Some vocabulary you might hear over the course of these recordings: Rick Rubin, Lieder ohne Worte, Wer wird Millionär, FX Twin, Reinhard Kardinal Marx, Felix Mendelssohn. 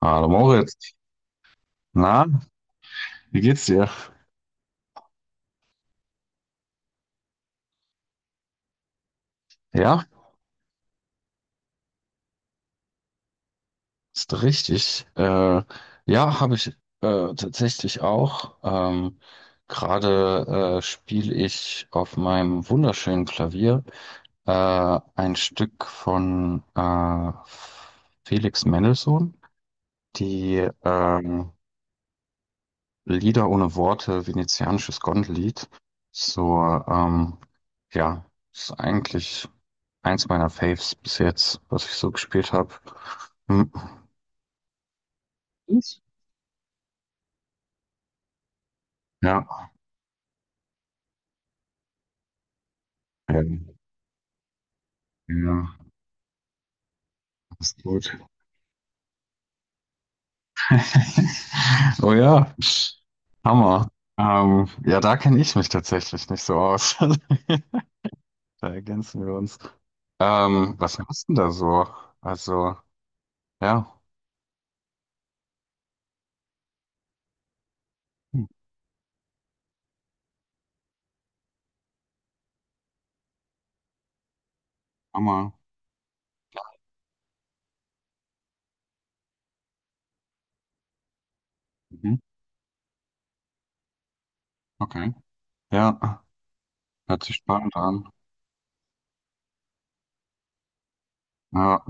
Hallo Moritz. Na, wie geht's dir? Ja, ist richtig. Ja, habe ich tatsächlich auch. Gerade spiele ich auf meinem wunderschönen Klavier ein Stück von Felix Mendelssohn, die Lieder ohne Worte, venezianisches Gondellied. So, ähm, ja, ist eigentlich eins meiner Faves bis jetzt, was ich so gespielt habe. Hm, Eins? Ja. Ja, ja, ist gut. Oh ja, Hammer. Ja, da kenne ich mich tatsächlich nicht so aus. Da ergänzen wir uns. Was machst du denn da so? Also, ja. Hm, Hammer. Mhm. Okay. Ja, hört sich spannend an. Ja.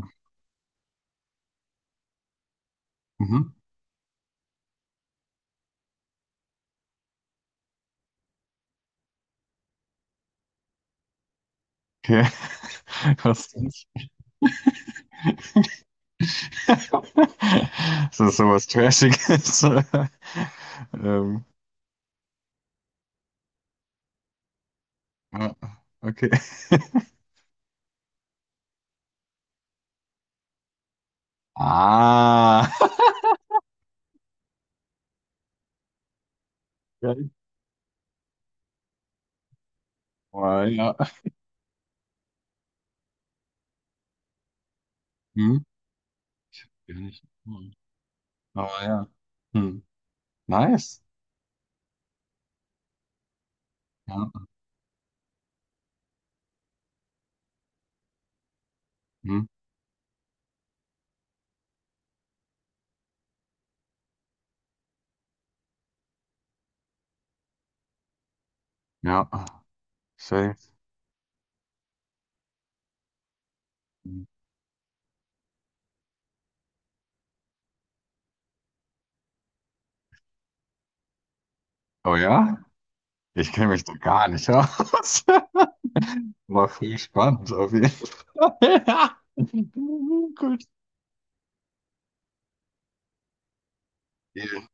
Mhm. Okay. Was denn? Das ist sowas Trashiges. Ähm, ja, okay. Ah. Ja, oh, ja. Hm. Gar nicht. Hm. Oh ja. Hm. Nice. Ja. Hm. Ja. Safe. Hm. Oh ja? Ich kenne mich da gar nicht aus. War viel spannend auf jeden Fall. Ja. Gut. Nee.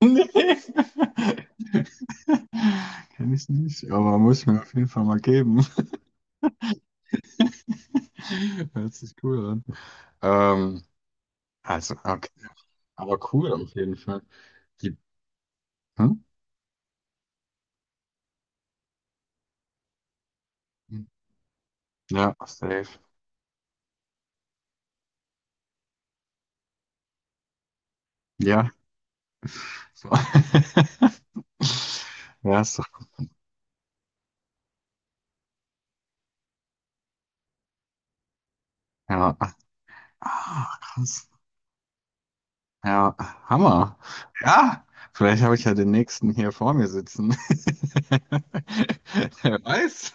Kenne ich nicht, aber muss ich mir auf jeden Fall mal geben. Hört sich cool an. Ähm, also, okay. Aber cool auf jeden Fall. Die, hm? Ja, safe. Ja. So. Ja, ist doch, ja. Ah, krass. Ja, Hammer. Ja, vielleicht habe ich ja den nächsten hier vor mir sitzen. Wer weiß.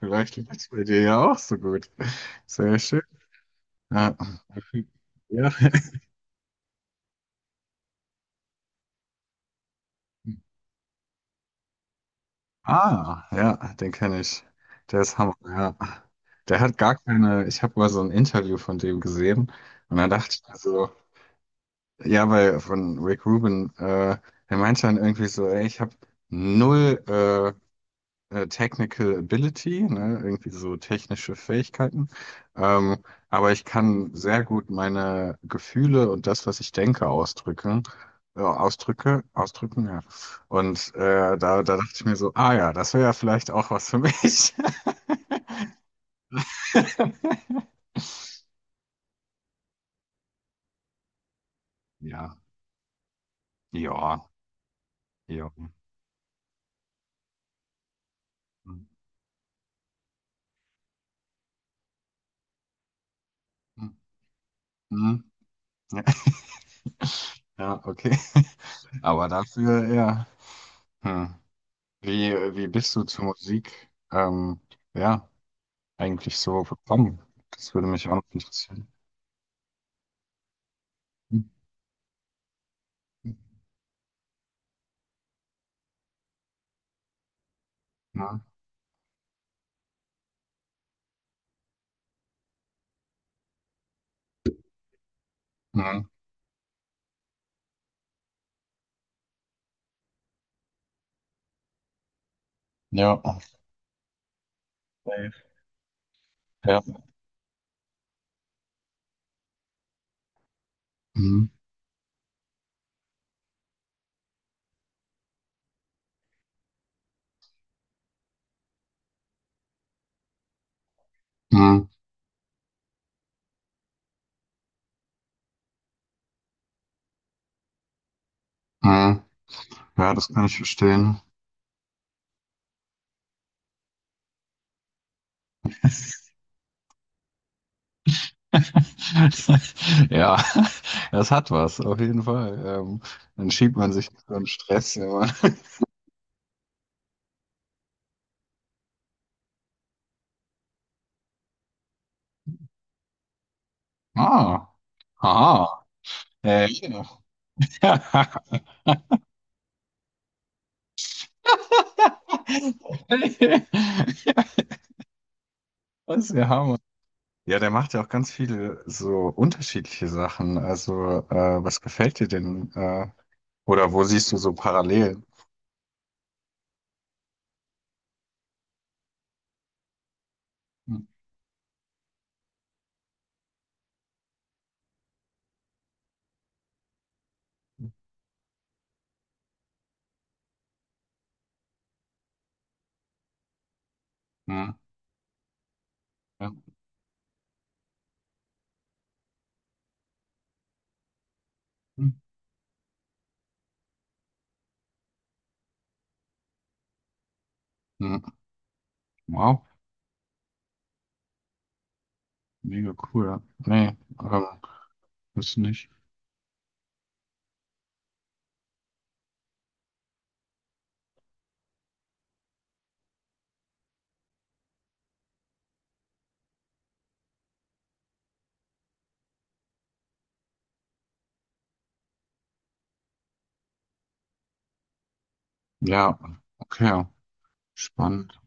Vielleicht läuft es bei dir ja auch so gut. Sehr schön. Ja. Ja. Ah, ja, den kenne ich. Der ist Hammer, ja. Der hat gar keine, ich habe mal so ein Interview von dem gesehen und dann dachte ich mir so, ja, weil von Rick Rubin, der meinte dann irgendwie so, ey, ich habe null Technical Ability, ne, irgendwie so technische Fähigkeiten. Ähm, aber ich kann sehr gut meine Gefühle und das, was ich denke, ausdrücken. Ausdrücken, ja. Und da dachte ich mir so, ah ja, das wäre ja vielleicht auch was für mich. Ja, ja, ja. Hm, hm, hm. Ja, ja, okay. Aber dafür, ja. Hm. Wie bist du zur Musik? Ja. Eigentlich so bekommen? Das würde mich auch noch interessieren. Mhm. Mhm. Mhm. Ja, Safe. Ja. Mhm. Mhm. Mhm. Ja, das kann ich verstehen. Ja, das hat was, auf jeden Fall. Dann schiebt man sich so einen Stress immer. Ah, aha. Ja. Das ist ja Hammer. Ja, der macht ja auch ganz viele so unterschiedliche Sachen. Also, was gefällt dir denn? Oder wo siehst du so Parallelen? Hm, hm, ja, hm, hm. Wow, mega cool. Ja. Nee, ist nicht. Ja, okay, spannend.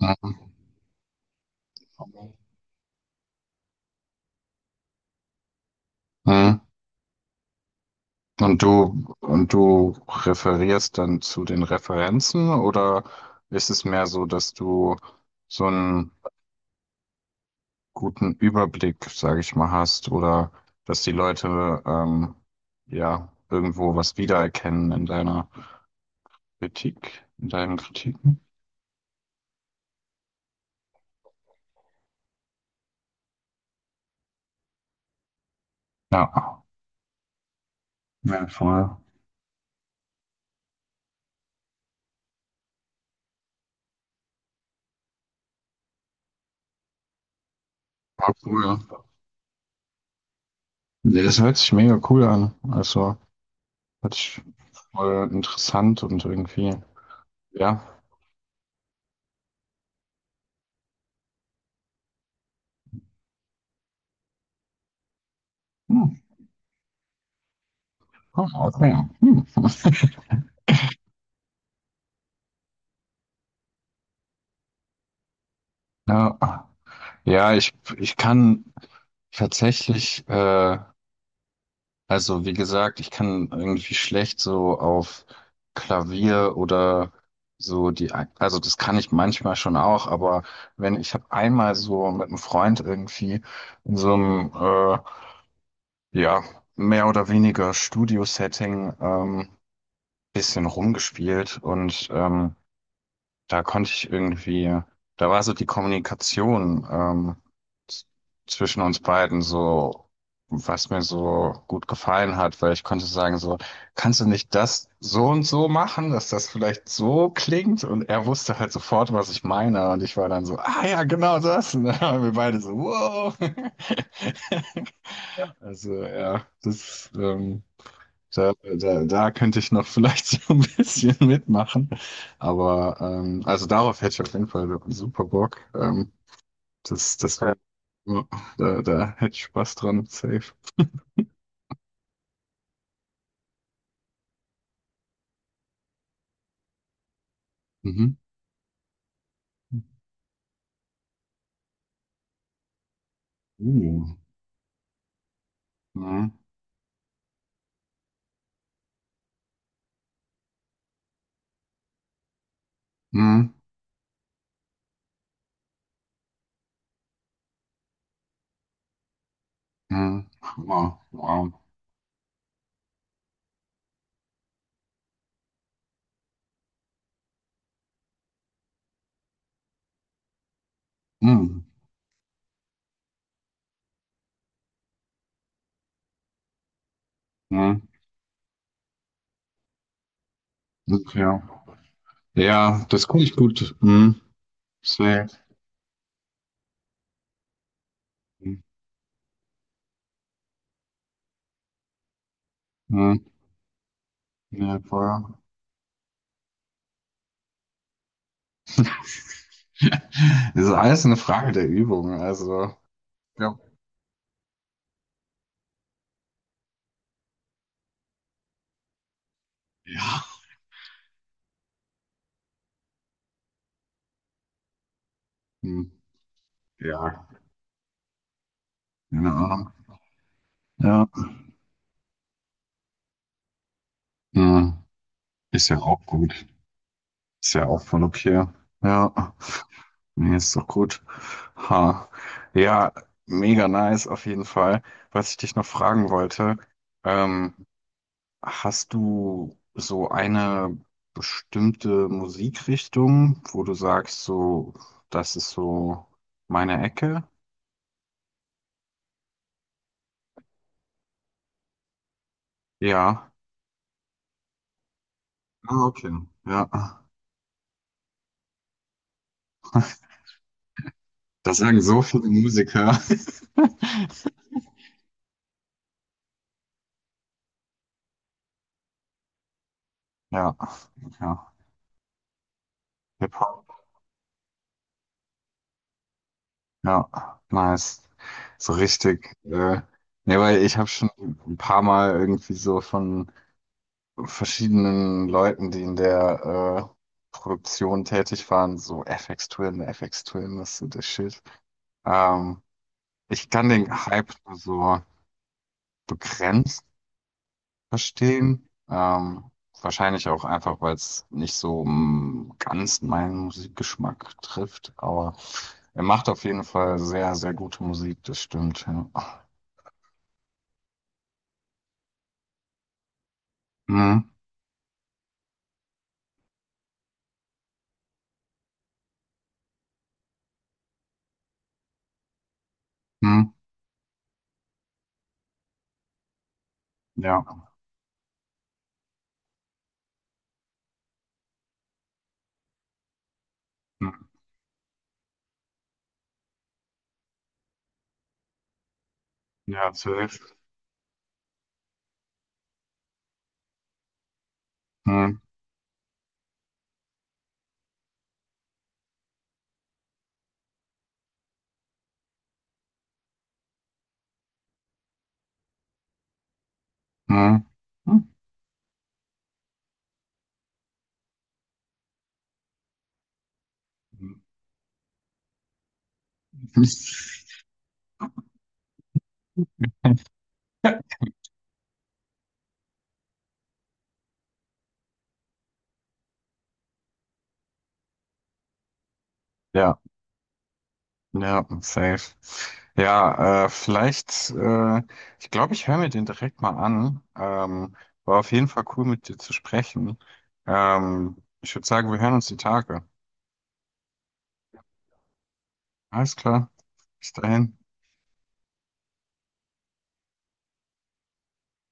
Hm, hm. Und du referierst dann zu den Referenzen oder ist es mehr so, dass du so einen guten Überblick, sage ich mal, hast oder dass die Leute ja irgendwo was wiedererkennen in deiner Kritik, in deinen Kritiken? Ja, ja, voll. War cool. Ja. Nee, das hört sich mega cool an. Also, hört sich voll interessant und irgendwie, ja. Hm, oh, okay. Hm. Ja, ja, ich kann tatsächlich, also wie gesagt, ich kann irgendwie schlecht so auf Klavier oder so also das kann ich manchmal schon auch, aber wenn ich habe einmal so mit einem Freund irgendwie in so einem Ja, mehr oder weniger Studio-Setting, bisschen rumgespielt und da konnte ich irgendwie, da war so die Kommunikation z- zwischen uns beiden so, was mir so gut gefallen hat, weil ich konnte sagen so, kannst du nicht das so und so machen, dass das vielleicht so klingt? Und er wusste halt sofort, was ich meine und ich war dann so, ah ja, genau das. Und dann waren wir beide so, wow. Also ja, da könnte ich noch vielleicht so ein bisschen mitmachen. Aber also darauf hätte ich auf jeden Fall super Bock. Das wäre. Ja. Da hätte ich Spaß dran, safe. Mhm. Uh. Mhm. Mhm. Mhm. Wow. Wow. Mhm. Mhm. Okay. Ja, das konnte ich gut. Mhm. Safe. Mhm. Ja, voll. Das ist alles eine Frage der Übung. Also, ja. Ja. Mhm. Ja. Keine Ahnung. Ja, Hm, ist ja auch gut. Ist ja auch voll okay. Ja. Nee, ist doch gut. Ha. Ja, mega nice auf jeden Fall. Was ich dich noch fragen wollte, ähm, hast du so eine bestimmte Musikrichtung, wo du sagst, so, das ist so meine Ecke? Ja. Ah, okay. Ja. Das sagen so viele Musiker. Ja, ja. Hip-Hop. Ja, nice. So richtig. Ja, weil ich habe schon ein paar Mal irgendwie so von verschiedenen Leuten, die in der Produktion tätig waren, so FX Twin, FX Twin, was ist das Shit? Ähm, Ich kann den Hype nur so begrenzt verstehen. Wahrscheinlich auch einfach, weil es nicht so ganz meinen Musikgeschmack trifft. Aber er macht auf jeden Fall sehr, sehr gute Musik, das stimmt. Ja. Mhm. Mhm. Ja. Mhm. Ja, zu Recht. Mhm. Mhm. Mhm. Ja, ja, safe. Ja, vielleicht, ich glaube, ich höre mir den direkt mal an. War auf jeden Fall cool, mit dir zu sprechen. Ähm, Ich würde sagen, wir hören uns die Tage. Alles klar, bis dahin.